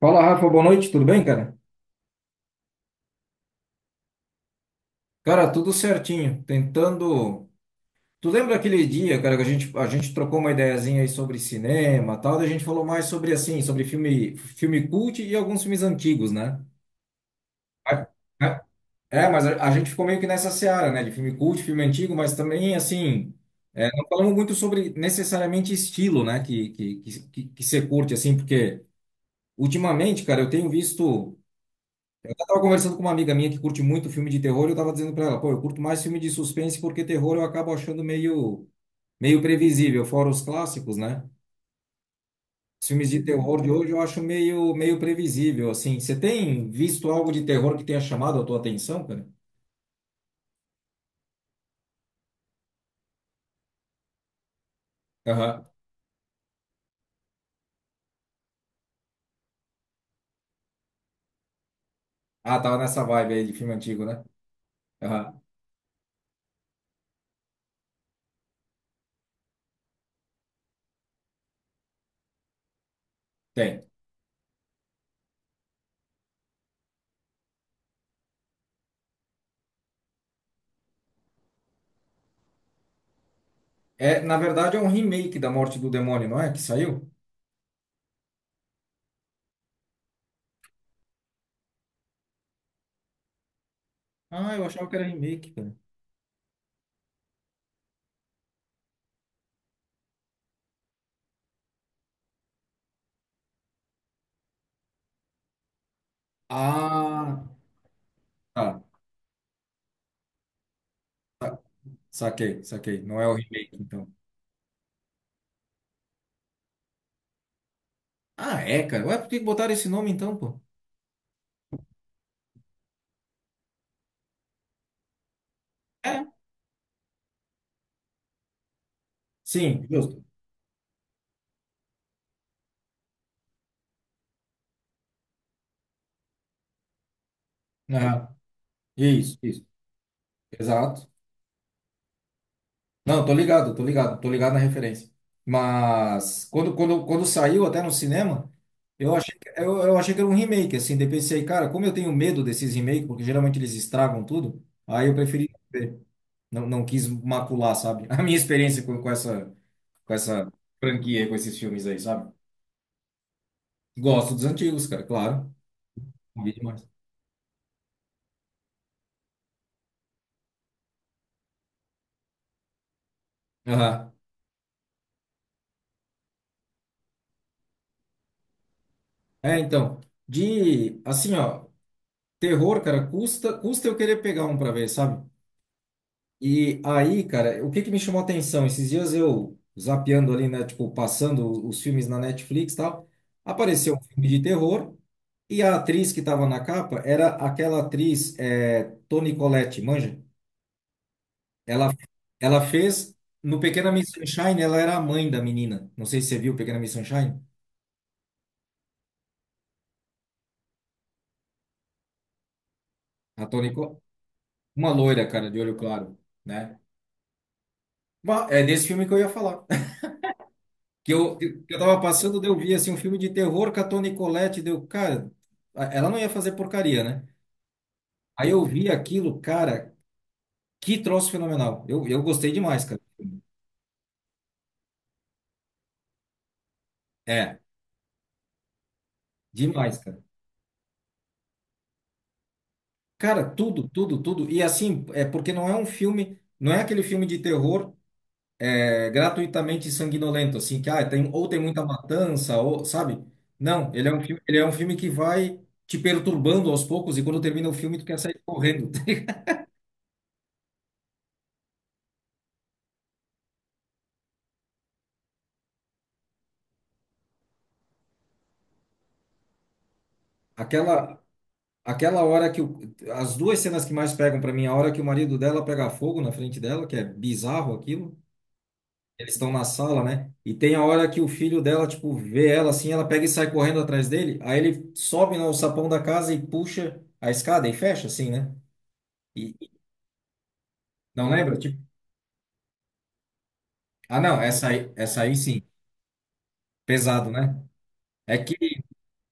Fala, Rafa, boa noite, tudo bem, cara? Cara, tudo certinho, tentando... Tu lembra aquele dia, cara, que a gente trocou uma ideiazinha aí sobre cinema, tal, daí a gente falou mais sobre, assim, sobre filme cult e alguns filmes antigos, né? A- a- a gente ficou meio que nessa seara, né, de filme cult, filme antigo, mas também, assim, não falamos muito sobre necessariamente estilo, né, que você curte, assim, porque ultimamente, cara, eu tenho visto... Tava conversando com uma amiga minha que curte muito filme de terror, e eu tava dizendo pra ela, pô, eu curto mais filme de suspense porque terror eu acabo achando meio previsível, fora os clássicos, né? Os filmes de terror de hoje eu acho meio previsível, assim. Você tem visto algo de terror que tenha chamado a tua atenção, cara? Aham. Ah, tava nessa vibe aí de filme antigo, né? Aham. Tem. É, na verdade é um remake da Morte do Demônio, não é? Que saiu? Ah, eu achava que era remake, cara. Ah, tá. Saquei, saquei. Não é o remake, então. Ah, é, cara. Ué, por que que botaram esse nome então, pô? É. Sim, justo. Aham. Isso, isso. Exato. Não, tô ligado, tô ligado, tô ligado na referência. Mas quando saiu até no cinema, eu eu achei que era um remake, assim. Daí pensei, cara, como eu tenho medo desses remakes, porque geralmente eles estragam tudo, aí eu preferi não ver. Não, não quis macular, sabe? A minha experiência com essa, com essa franquia, com esses filmes aí, sabe? Gosto dos antigos, cara, claro. Ouvi demais. Aham. É, então, de assim, ó, terror, cara, custa eu querer pegar um pra ver, sabe? E aí, cara, o que que me chamou a atenção? Esses dias eu zapeando ali, né, tipo, passando os filmes na Netflix e tal, apareceu um filme de terror e a atriz que tava na capa era aquela atriz, Toni Collette, manja? Ela, ela fez no Pequena Miss Sunshine, ela era a mãe da menina. Não sei se você viu Pequena Miss Sunshine, a Toni, Co- uma loira, cara, de olho claro. Né? É desse filme que eu ia falar. Que eu tava passando, daí eu vi assim, um filme de terror com a Toni Collette, deu, cara, ela não ia fazer porcaria, né? Aí eu vi aquilo, cara, que troço fenomenal. Eu gostei demais, cara. É, demais, cara. Cara, tudo. E assim, é porque não é um filme, não é aquele filme de terror gratuitamente sanguinolento, assim, que ah, tem, ou tem muita matança, ou, sabe? Não, ele é um filme que vai te perturbando aos poucos e quando termina o filme tu quer sair correndo. Aquela, aquela hora que o, as duas cenas que mais pegam pra mim, a hora que o marido dela pega fogo na frente dela, que é bizarro aquilo. Eles estão na sala, né? E tem a hora que o filho dela, tipo, vê ela assim, ela pega e sai correndo atrás dele. Aí ele sobe no sapão da casa e puxa a escada e fecha, assim, né? E e- não lembra? Tipo, ah, não, essa aí sim. Pesado, né? É que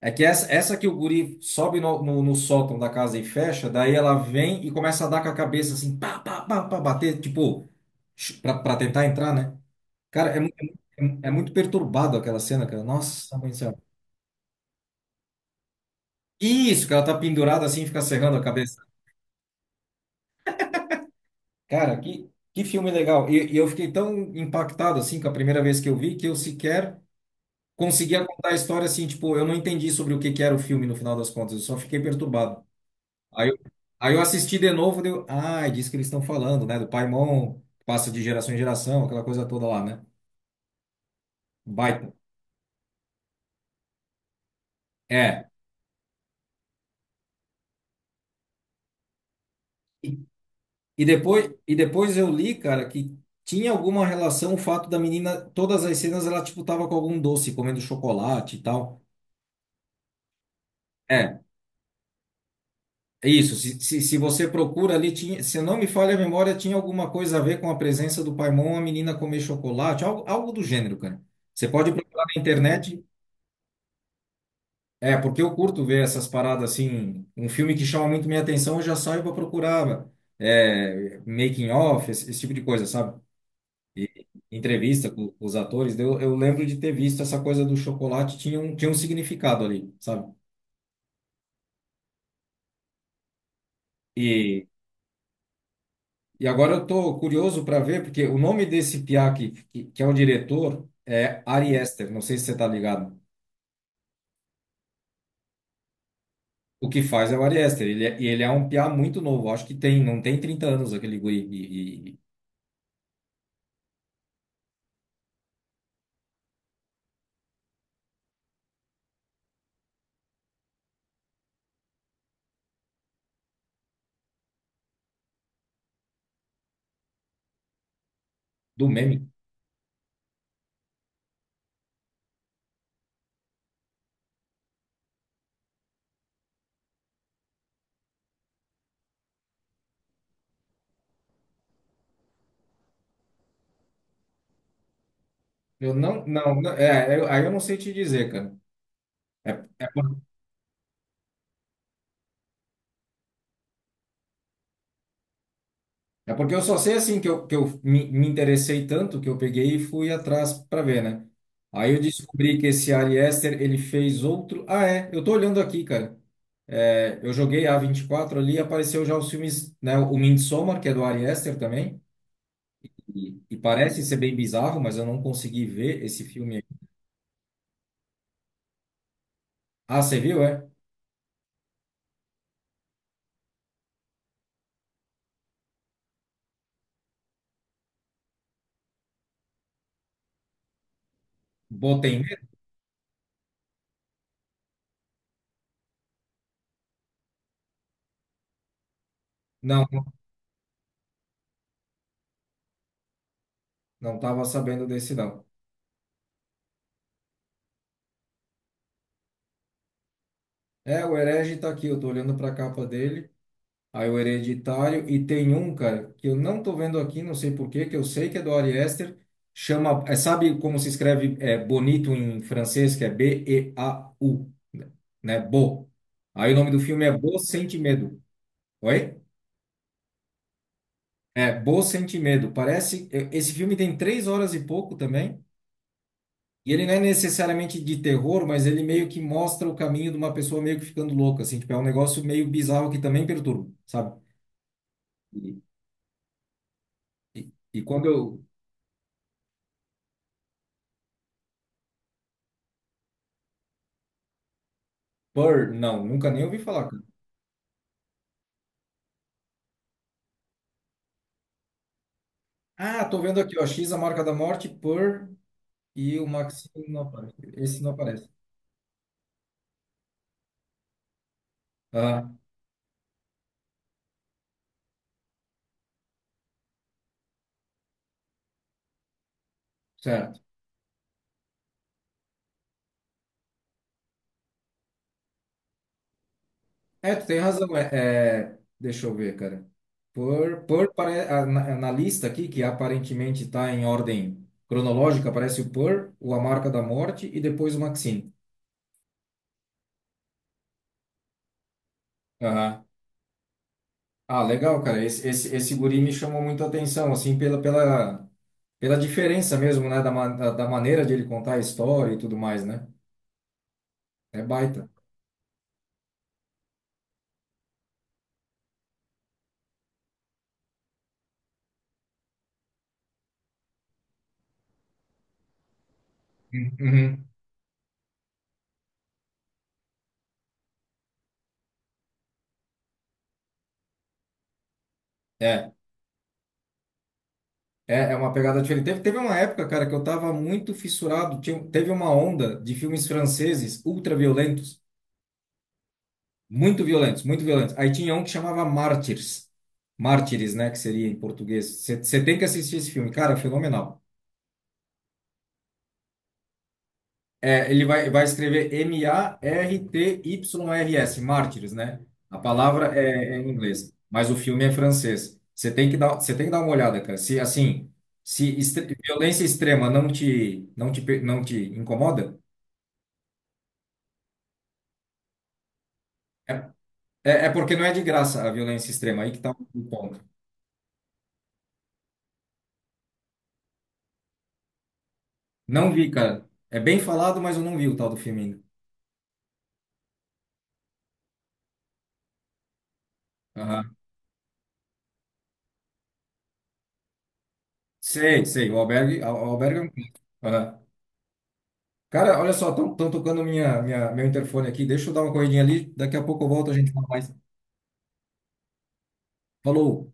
É que essa que o guri sobe no sótão da casa e fecha, daí ela vem e começa a dar com a cabeça assim, pá, pá, pá, pá, bater, tipo, pra tentar entrar, né? Cara, é, mu- é, mu- É muito perturbado aquela cena, cara. Nossa, mãe do céu. Isso, que ela tá pendurada assim, e fica serrando a cabeça. Cara, que filme legal. E eu fiquei tão impactado assim com a primeira vez que eu vi que eu sequer conseguia contar a história assim, tipo, eu não entendi sobre o que que era o filme no final das contas, eu só fiquei perturbado. Aí, eu- aí eu assisti de novo, deu, ah, é disso que eles estão falando, né? Do Paimon, que passa de geração em geração, aquela coisa toda lá, né? Baita. É. E, e depois eu li, cara, que tinha alguma relação o fato da menina, todas as cenas ela, tipo, tava com algum doce, comendo chocolate e tal. É, é isso. Se você procura ali, tinha, se não me falha a memória, tinha alguma coisa a ver com a presença do Paimon, a menina comer chocolate, algo do gênero, cara. Você pode procurar na internet. É, porque eu curto ver essas paradas assim. Um filme que chama muito minha atenção, eu já saio para procurar making of, esse tipo de coisa, sabe? E entrevista com os atores. Daí eu lembro de ter visto essa coisa do chocolate, tinha um significado ali, sabe? E, e agora eu tô curioso para ver, porque o nome desse piá que é o diretor é Ari Aster, não sei se você tá ligado. O que faz é o Ari Aster, e ele é um piá muito novo, acho que tem, não tem 30 anos aquele guri, do meme. Eu não, não, não- é, eu- Aí eu não sei te dizer, cara. É, é porque eu só sei assim que eu me interessei tanto que eu peguei e fui atrás para ver, né? Aí eu descobri que esse Ari Aster, ele fez outro. Ah, é, eu tô olhando aqui, cara. É, eu joguei a 24 ali e apareceu já os filmes, né? O Midsommar, que é do Ari Aster também. Parece ser bem bizarro, mas eu não consegui ver esse filme. Aí. Ah, você viu, é? Botei medo? Não, não tava sabendo desse não. É, o Herege tá aqui, eu tô olhando pra capa dele. Aí o Hereditário. E tem um, cara, que eu não tô vendo aqui, não sei por quê, que eu sei que é do Ari Aster. Chama, é, sabe como se escreve é, bonito em francês, que é Beau, né? Bo. Aí o nome do filme é Bo Sente Medo. Oi? É, Bo Sente Medo. Parece. É, esse filme tem 3 horas e pouco também. E ele não é necessariamente de terror, mas ele meio que mostra o caminho de uma pessoa meio que ficando louca, assim. Tipo, é um negócio meio bizarro que também perturba, sabe? E, e, e quando eu, Purr, não, nunca nem ouvi falar, cara. Ah, tô vendo aqui, ó, X, a marca da morte, Purr e o Maxine não aparece. Esse não aparece. Ah, certo. É, tu tem razão. É, é, deixa eu ver, cara. Purr pare, ah, na, na lista aqui, que aparentemente está em ordem cronológica, aparece o Purr, o A Marca da Morte e depois o Maxine. Aham. Ah, legal, cara. Esse guri me chamou muita atenção, assim, pela diferença mesmo, né, da da maneira de ele contar a história e tudo mais, né? É baita. Uhum. É, É uma pegada diferente. Teve uma época, cara, que eu tava muito fissurado. Teve uma onda de filmes franceses ultra violentos, muito violentos. Aí tinha um que chamava Mártires. Mártires, né? Que seria em português. Você tem que assistir esse filme. Cara, é fenomenal. É, vai escrever Martyrs, Mártires, né? A palavra é, é em inglês, mas o filme é francês. Você tem que dar uma olhada, cara. Se assim, se extre- violência extrema não te, não te incomoda, é, é porque não é de graça a violência extrema. Aí que tá o ponto. Não vi, cara. É bem falado, mas eu não vi o tal do filme ainda. Aham. Sei, sei. O Albergue é um filme. Cara, olha só, estão tocando meu interfone aqui. Deixa eu dar uma corridinha ali. Daqui a pouco eu volto, a gente fala mais. Falou!